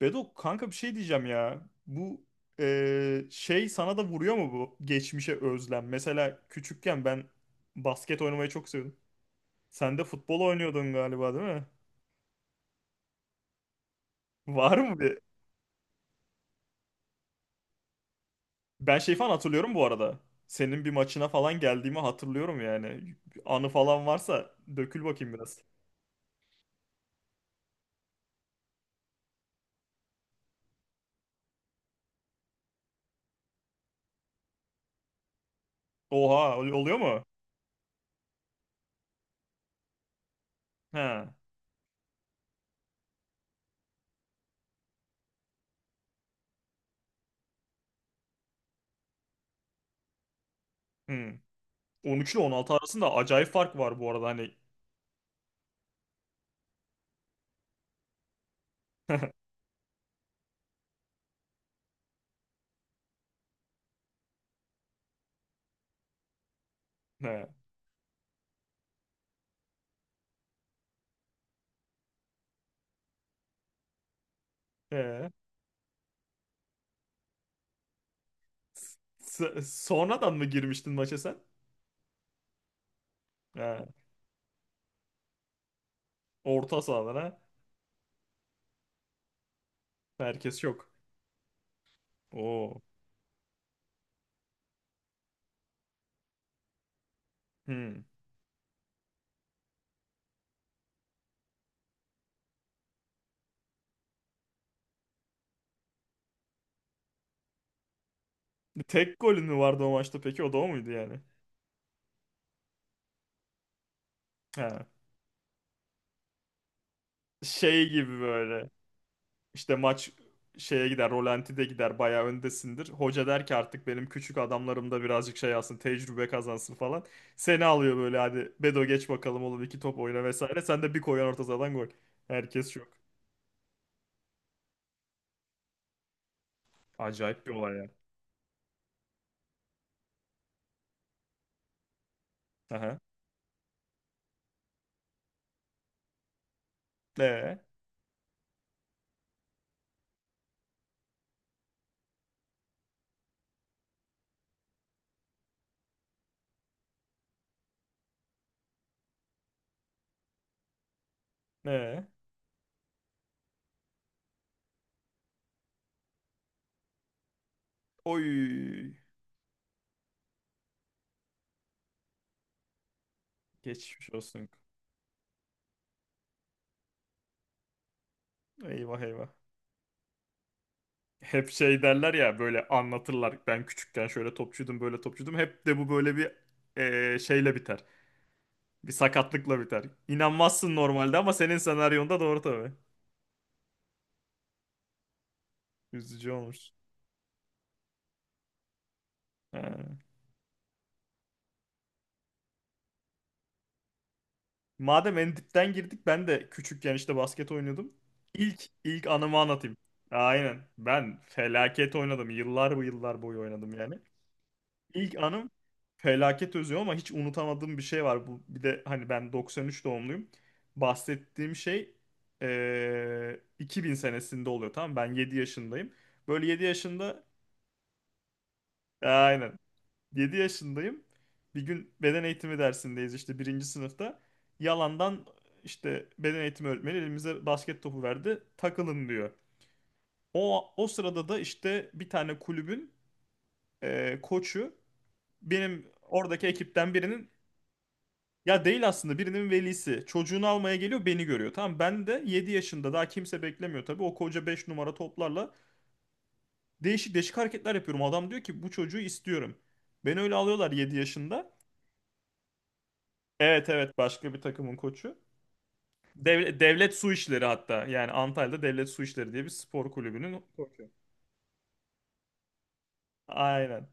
Bedo kanka bir şey diyeceğim ya. Bu şey sana da vuruyor mu bu geçmişe özlem? Mesela küçükken ben basket oynamayı çok seviyordum. Sen de futbol oynuyordun galiba değil mi? Var mı bir? Ben şey falan hatırlıyorum bu arada. Senin bir maçına falan geldiğimi hatırlıyorum yani. Anı falan varsa dökül bakayım biraz. Oha oluyor mu? He. Hmm. 13 ile 16 arasında acayip fark var bu arada hani. He. He. Sonradan mı girmiştin maça sen? He. Orta sahada herkes yok. Oo. Hmm. Tek golün mü vardı o maçta peki? O da o muydu yani? Ha. Şey gibi böyle. İşte maç şeye gider, rolantide gider, bayağı öndesindir. Hoca der ki artık benim küçük adamlarım da birazcık şey alsın, tecrübe kazansın falan. Seni alıyor böyle, hadi Bedo geç bakalım oğlum, iki top oyna vesaire. Sen de bir koyan orta sahadan gol. Herkes yok. Acayip bir olay ya. Aha. Ne? Ne? Oy. Geçmiş olsun. Eyvah eyvah. Hep şey derler ya böyle anlatırlar, ben küçükken şöyle topçuydum, böyle topçuydum, hep de bu böyle bir şeyle biter, bir sakatlıkla biter. İnanmazsın normalde ama senin senaryonda doğru tabii. Üzücü olmuş. Ha. Madem en dipten girdik, ben de küçükken işte basket oynuyordum. İlk anımı anlatayım. Aynen, ben felaket oynadım, yıllar bu yıllar boyu oynadım yani. İlk anım, felaket özlüyorum ama hiç unutamadığım bir şey var. Bu bir de hani, ben 93 doğumluyum. Bahsettiğim şey 2000 senesinde oluyor, tamam mı? Ben 7 yaşındayım. Böyle 7 yaşında, aynen. 7 yaşındayım. Bir gün beden eğitimi dersindeyiz işte, birinci sınıfta. Yalandan işte, beden eğitimi öğretmeni elimize basket topu verdi. Takılın diyor. O sırada da işte bir tane kulübün koçu, benim oradaki ekipten birinin... Ya değil aslında, birinin velisi. Çocuğunu almaya geliyor, beni görüyor. Tamam, ben de 7 yaşında, daha kimse beklemiyor tabii. O koca 5 numara toplarla değişik değişik hareketler yapıyorum. Adam diyor ki bu çocuğu istiyorum. Beni öyle alıyorlar 7 yaşında. Evet, evet, başka bir takımın koçu. Devlet su işleri hatta. Yani Antalya'da devlet su işleri diye bir spor kulübünün. Korkuyorum. Aynen.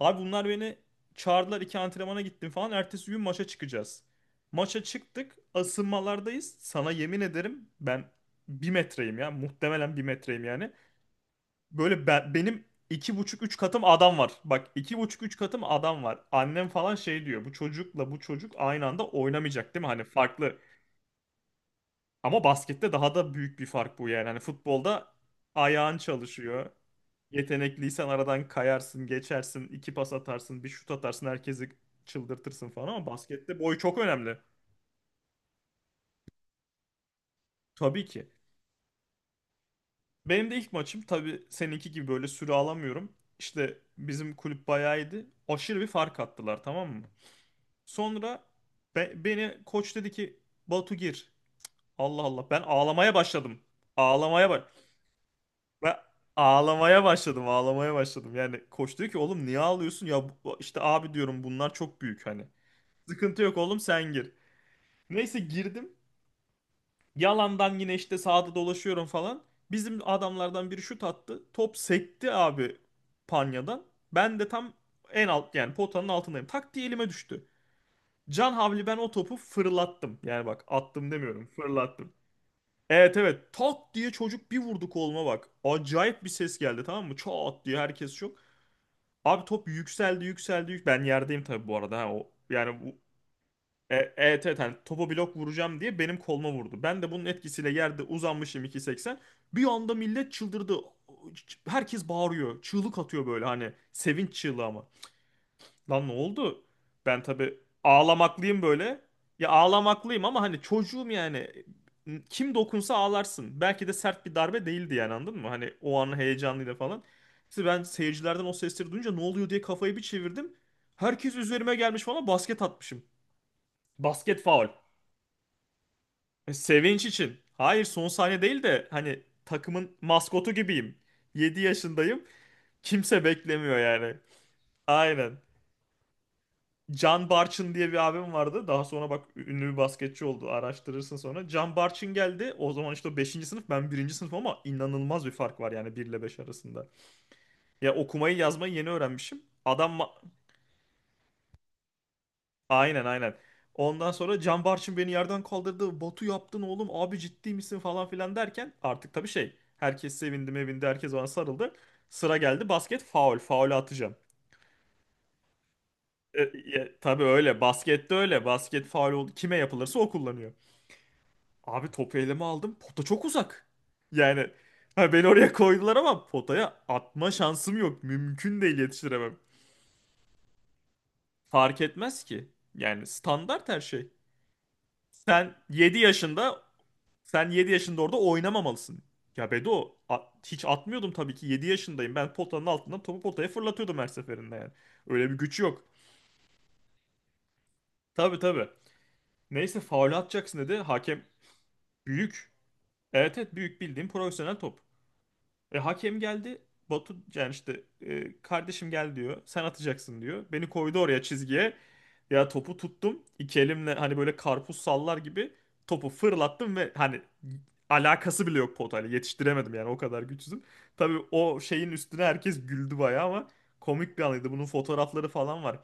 Abi bunlar beni çağırdılar, iki antrenmana gittim falan. Ertesi gün maça çıkacağız. Maça çıktık. Asılmalardayız. Sana yemin ederim ben bir metreyim ya. Muhtemelen bir metreyim yani. Böyle ben, benim iki buçuk üç katım adam var. Bak, iki buçuk üç katım adam var. Annem falan şey diyor, bu çocukla bu çocuk aynı anda oynamayacak değil mi? Hani farklı... Ama baskette daha da büyük bir fark bu yani. Hani futbolda ayağın çalışıyor. Yetenekliysen aradan kayarsın, geçersin, iki pas atarsın, bir şut atarsın, herkesi çıldırtırsın falan ama baskette boy çok önemli. Tabii ki. Benim de ilk maçım, tabii seninki gibi böyle süre alamıyorum. İşte bizim kulüp bayağı iyiydi. Aşırı bir fark attılar, tamam mı? Sonra beni koç dedi ki Batu gir. Allah Allah, ben ağlamaya başladım. Ağlamaya baş... Ben ağlamaya başladım, ağlamaya başladım. Yani koç diyor ki oğlum niye ağlıyorsun? Ya işte abi diyorum, bunlar çok büyük hani. Sıkıntı yok oğlum, sen gir. Neyse girdim. Yalandan yine işte sağda dolaşıyorum falan. Bizim adamlardan biri şut attı. Top sekti abi panyadan. Ben de tam en alt, yani potanın altındayım. Tak diye elime düştü. Can havli ben o topu fırlattım. Yani bak, attım demiyorum, fırlattım. Evet, evet, tak diye çocuk bir vurdu koluma, bak. Acayip bir ses geldi, tamam mı? Çat diye herkes şok. Abi top yükseldi, yükseldi, ben yerdeyim tabii bu arada, ha o yani bu, evet evet hani topa blok vuracağım diye benim koluma vurdu. Ben de bunun etkisiyle yerde uzanmışım 2.80. Bir anda millet çıldırdı. Herkes bağırıyor. Çığlık atıyor böyle, hani sevinç çığlığı ama. Lan ne oldu? Ben tabii ağlamaklıyım böyle. Ya ağlamaklıyım ama hani çocuğum yani. Kim dokunsa ağlarsın. Belki de sert bir darbe değildi yani, anladın mı? Hani o anın heyecanıyla falan. İşte ben seyircilerden o sesleri duyunca ne oluyor diye kafayı bir çevirdim. Herkes üzerime gelmiş falan, basket atmışım. Basket faul. E, sevinç için. Hayır, son saniye değil de hani takımın maskotu gibiyim. 7 yaşındayım. Kimse beklemiyor yani. Aynen. Can Barçın diye bir abim vardı. Daha sonra bak, ünlü bir basketçi oldu. Araştırırsın sonra. Can Barçın geldi. O zaman işte o 5. sınıf, ben birinci sınıf, ama inanılmaz bir fark var yani 1 ile 5 arasında. Ya okumayı yazmayı yeni öğrenmişim. Adam aynen, aynen. Ondan sonra Can Barçın beni yerden kaldırdı. Batu yaptın oğlum, abi ciddi misin falan filan derken, artık tabii şey, herkes sevindi mevindi, herkes bana sarıldı. Sıra geldi, basket faul, faul atacağım. Tabii öyle, baskette öyle, basket faul oldu, kime yapılırsa o kullanıyor. Abi topu elime aldım. Pota çok uzak. Yani ha, beni oraya koydular ama potaya atma şansım yok. Mümkün değil, yetiştiremem. Fark etmez ki. Yani standart her şey. Sen 7 yaşında, sen 7 yaşında orada oynamamalısın. Ya Bedo hiç atmıyordum tabii ki, 7 yaşındayım. Ben potanın altından topu potaya fırlatıyordum her seferinde yani. Öyle bir güç yok. Tabii, tabii. Neyse, faul atacaksın dedi. Hakem. Büyük. Evet, evet, büyük, bildiğim profesyonel top. E, hakem geldi. Batu yani işte, kardeşim gel diyor. Sen atacaksın diyor. Beni koydu oraya, çizgiye. Ya topu tuttum. İki elimle hani böyle karpuz sallar gibi topu fırlattım ve hani alakası bile yok potayla. Yetiştiremedim yani, o kadar güçsüzüm. Tabii o şeyin üstüne herkes güldü bayağı ama komik bir anıydı. Bunun fotoğrafları falan var.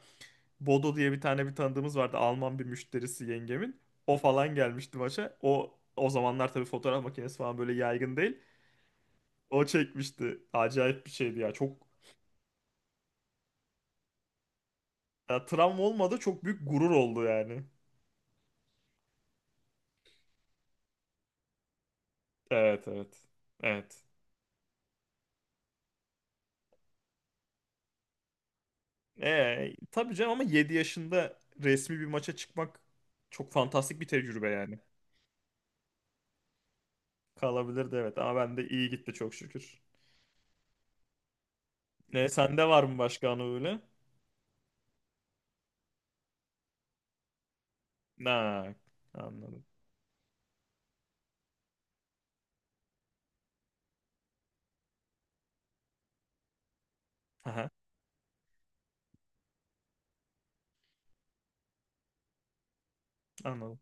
Bodo diye bir tane bir tanıdığımız vardı. Alman bir müşterisi yengemin. O falan gelmişti maça. O zamanlar tabii fotoğraf makinesi falan böyle yaygın değil. O çekmişti. Acayip bir şeydi ya. Çok... Ya travma olmadı. Çok büyük gurur oldu yani. Evet, evet. Evet. Tabii canım ama 7 yaşında resmi bir maça çıkmak çok fantastik bir tecrübe yani. Kalabilirdi evet, ama ben de iyi gitti, çok şükür. Ne, sende var mı başka anı öyle? Ha, anladım. Aha, anladım.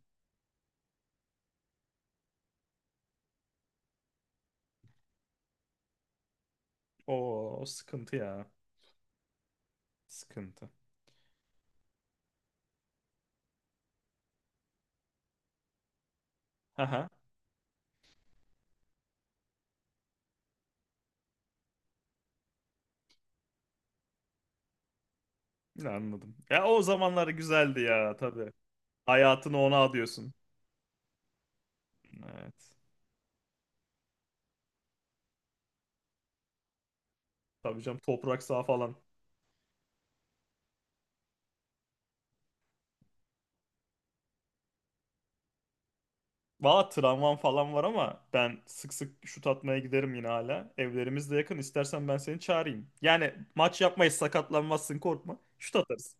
Oo, o sıkıntı ya. Sıkıntı. Aha, anladım. Ya o zamanlar güzeldi ya tabii. Hayatını ona adıyorsun. Evet. Tabii canım, toprak saha falan. Valla tramvam falan var ama ben sık sık şut atmaya giderim yine hala. Evlerimiz de yakın. İstersen ben seni çağırayım. Yani maç yapmayız, sakatlanmazsın, korkma. Şut atarız.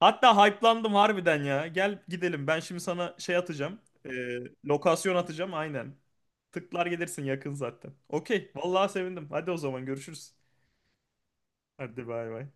Hatta hype'landım harbiden ya. Gel gidelim. Ben şimdi sana şey atacağım. Ee, lokasyon atacağım aynen. Tıklar gelirsin, yakın zaten. Okey. Vallahi sevindim. Hadi o zaman görüşürüz. Hadi bay bay.